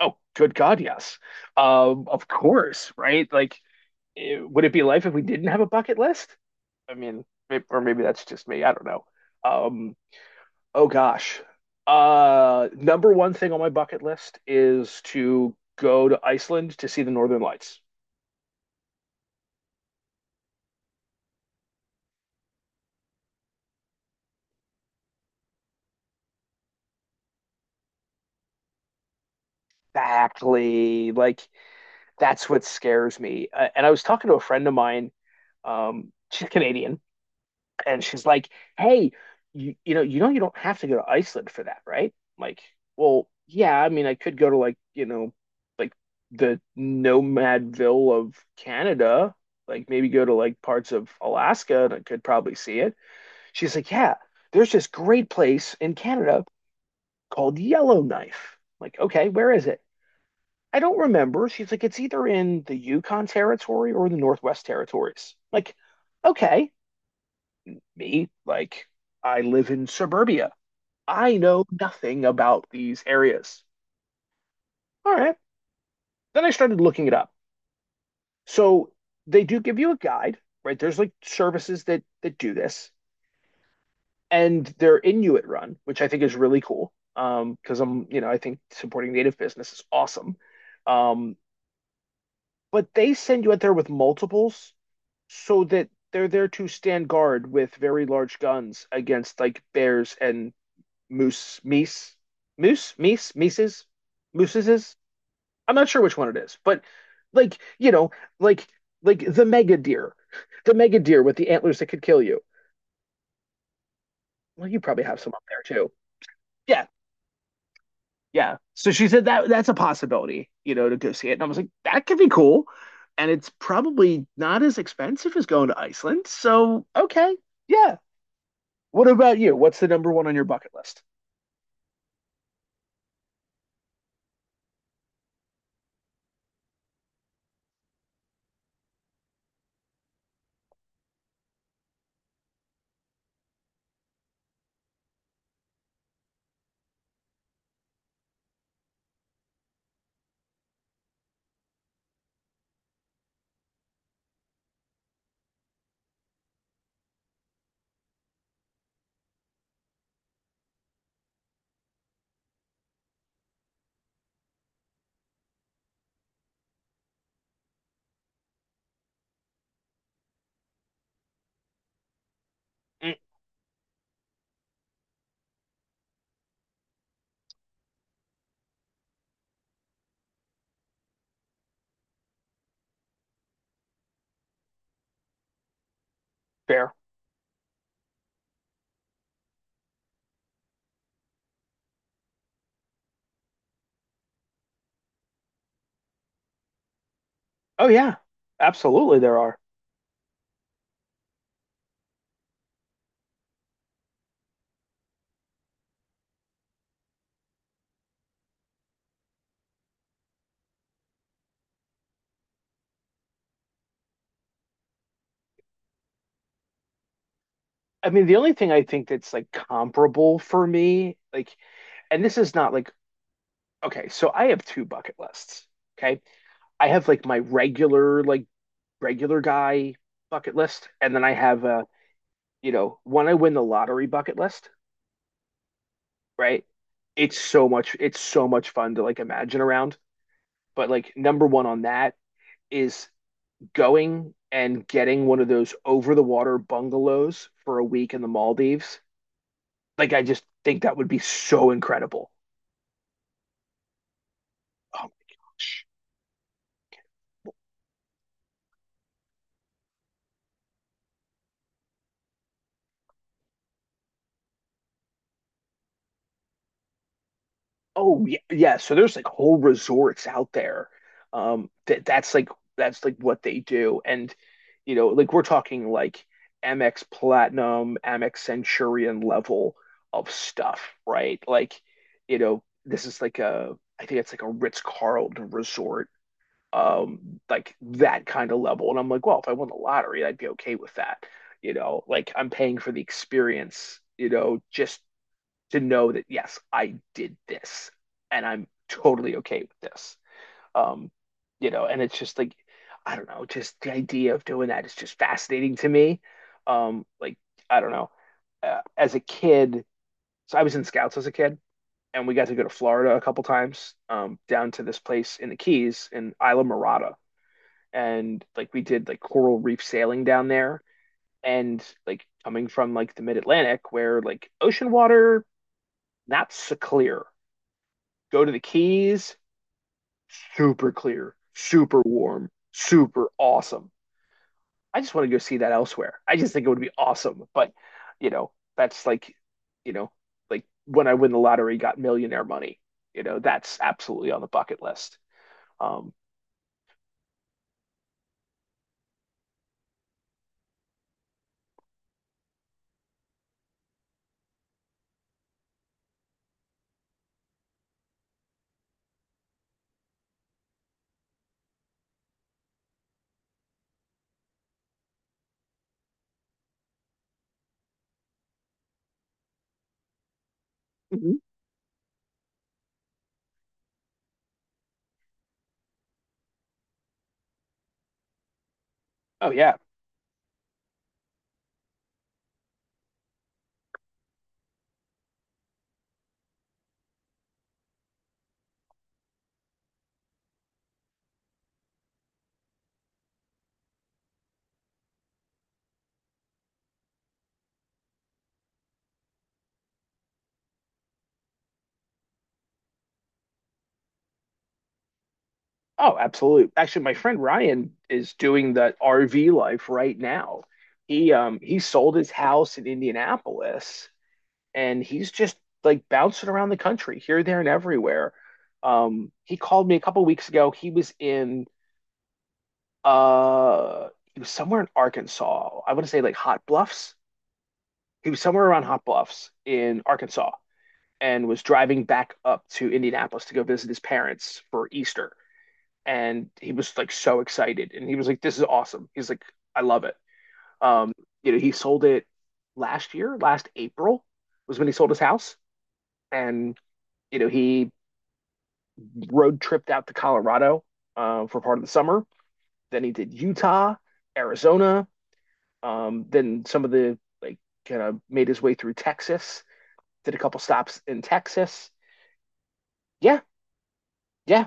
Oh, good God, yes. Of course, right? Like, would it be life if we didn't have a bucket list? I mean, maybe, or maybe that's just me. I don't know. Um, oh gosh. Number one thing on my bucket list is to go to Iceland to see the Northern Lights. Exactly. Like that's what scares me. And I was talking to a friend of mine. She's Canadian, and she's like, "Hey, you know you don't have to go to Iceland for that, right?" I'm like, well, yeah. I mean, I could go to like the Nomadville of Canada. Like maybe go to like parts of Alaska, and I could probably see it. She's like, "Yeah, there's this great place in Canada called Yellowknife." I'm like, okay, where is it? I don't remember. She's like, it's either in the Yukon Territory or the Northwest Territories. I'm like, okay me, like I live in suburbia. I know nothing about these areas. All right. Then I started looking it up. So they do give you a guide, right? There's like services that do this, and they're Inuit run, which I think is really cool. Because I think supporting native business is awesome. Um, but they send you out there with multiples so that they're there to stand guard with very large guns against like bears and moose meese moose meese meeses mooses. I'm not sure which one it is, but like like like the mega deer with the antlers that could kill you. Well, you probably have some up there too. Yeah, yeah. So she said that that's a possibility, you know, to go see it, and I was like, that could be cool, and it's probably not as expensive as going to Iceland. So okay, yeah. What about you? What's the number one on your bucket list? Mm, fair. Oh yeah, absolutely. There are. I mean, the only thing I think that's like comparable for me, like, and this is not like, okay, so I have two bucket lists. Okay. I have like my regular, like, regular guy bucket list. And then I have a, you know, when I win the lottery bucket list, right? It's so much fun to like imagine around. But like, number one on that is going and getting one of those over the water bungalows for a week in the Maldives. Like, I just think that would be so incredible. Oh. Oh yeah, yeah. So there's like whole resorts out there. That that's like what they do, and you know, like we're talking like Amex Platinum, Amex Centurion level of stuff, right? Like, you know, this is like a I think it's like a Ritz-Carlton resort, like that kind of level. And I'm like, well, if I won the lottery, I'd be okay with that. You know, like, I'm paying for the experience, you know, just to know that yes I did this, and I'm totally okay with this. um you know, and it's just like I don't know, just the idea of doing that is just fascinating to me. Like, I don't know. As a kid, so I was in scouts as a kid, and we got to go to Florida a couple times, down to this place in the Keys in Isla Mirada, and like we did like coral reef sailing down there, and like coming from like the mid Atlantic where like ocean water not so clear. Go to the Keys, super clear, super warm, super awesome. I just want to go see that elsewhere. I just think it would be awesome, but you know, that's like, you know, like when I win the lottery, got millionaire money. You know, that's absolutely on the bucket list. Um, mm-hmm. Oh yeah. Oh, absolutely. Actually, my friend Ryan is doing that RV life right now. He sold his house in Indianapolis, and he's just like bouncing around the country here, there, and everywhere. He called me a couple weeks ago. Uh he was somewhere in Arkansas. I want to say like Hot Bluffs. He was somewhere around Hot Bluffs in Arkansas, and was driving back up to Indianapolis to go visit his parents for Easter, and he was like so excited, and he was like this is awesome, he's like I love it. um you know, he sold it last year, last April was when he sold his house. And you know, he road tripped out to Colorado, for part of the summer, then he did Utah, Arizona, then some of the like kind of made his way through Texas, did a couple stops in Texas. Yeah, yeah.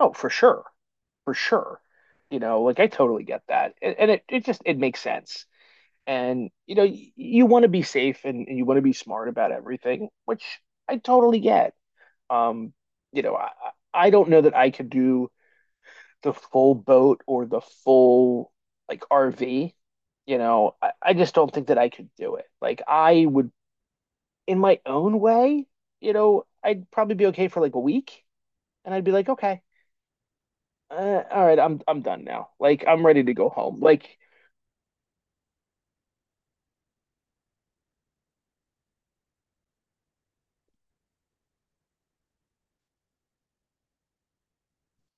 Oh for sure, for sure. You know, like I totally get that, and it, it just it makes sense. And you know, you want to be safe, and you want to be smart about everything, which I totally get. Um, you know, I don't know that I could do the full boat or the full like RV. You know, I just don't think that I could do it. Like I would, in my own way, you know, I'd probably be okay for like a week, and I'd be like, okay, uh, all right, I'm done now. Like I'm ready to go home. Like,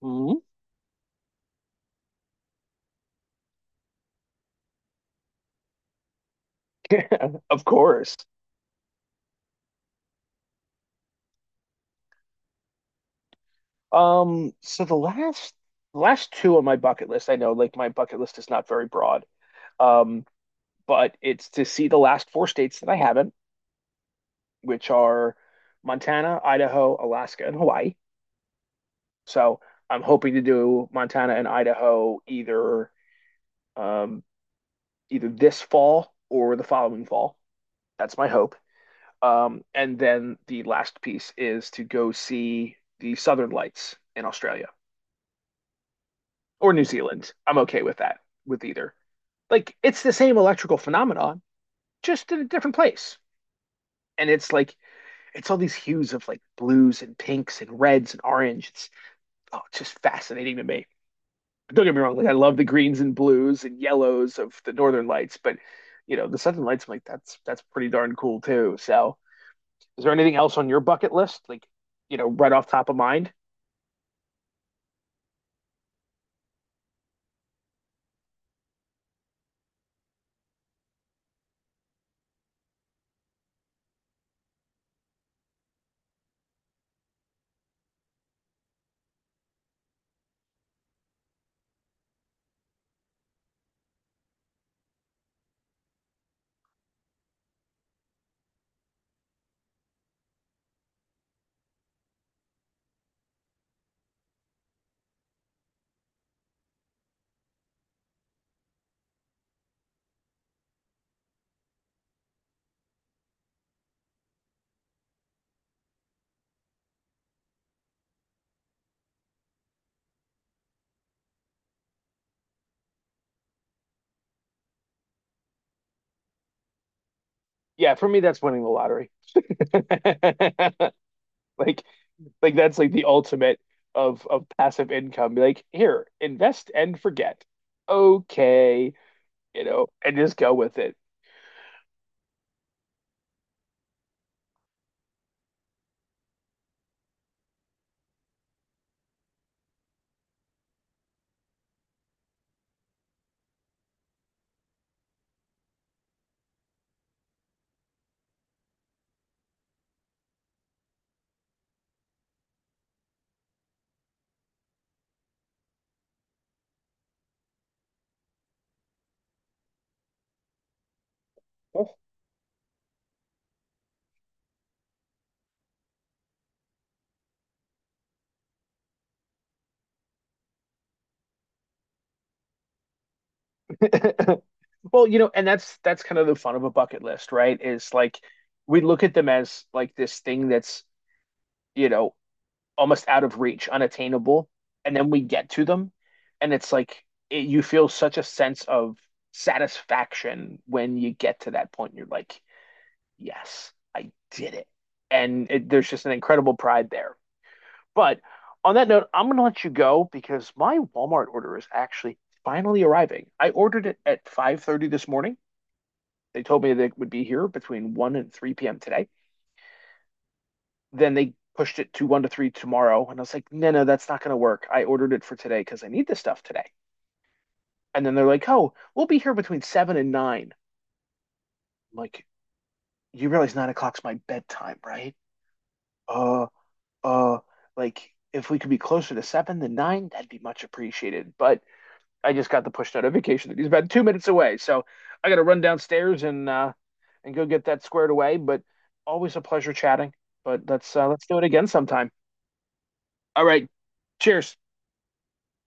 mhm. Of course. So the last two on my bucket list, I know like my bucket list is not very broad. Um, but it's to see the last four states that I haven't, which are Montana, Idaho, Alaska, and Hawaii. So I'm hoping to do Montana and Idaho either um this fall or the following fall. That's my hope. And then the last piece is to go see the Southern Lights in Australia or New Zealand. I'm okay with that, with either. Like it's the same electrical phenomenon, just in a different place. And it's like it's all these hues of like blues and pinks and reds and orange. It's just fascinating to me. But don't get me wrong, like I love the greens and blues and yellows of the Northern Lights, but you know, the Southern Lights, I'm like that's pretty darn cool too. So is there anything else on your bucket list? Like, you know, right off top of mind? Yeah, for me that's winning the lottery. Like Like that's like the ultimate of passive income. Be like, here, invest and forget. Okay, you know, and just go with it. Well, you know, and that's kind of the fun of a bucket list, right? Is like we look at them as like this thing that's, you know, almost out of reach, unattainable, and then we get to them, and it's like it, you feel such a sense of satisfaction when you get to that point. You're like, yes, I did it. And it, there's just an incredible pride there. But on that note, I'm going to let you go because my Walmart order is actually finally arriving. I ordered it at 5:30 this morning. They told me that it would be here between 1 and 3 p.m. today. Then they pushed it to 1 to 3 tomorrow, and I was like, "No, no, that's not going to work. I ordered it for today because I need this stuff today." And then they're like, "Oh, we'll be here between 7 and 9." I'm like, "You realize 9 o'clock's my bedtime, right?" Oh, uh like if we could be closer to 7 than 9, that'd be much appreciated. But I just got the push notification that he's about 2 minutes away, so I got to run downstairs and go get that squared away. But always a pleasure chatting. But let's do it again sometime. All right, cheers.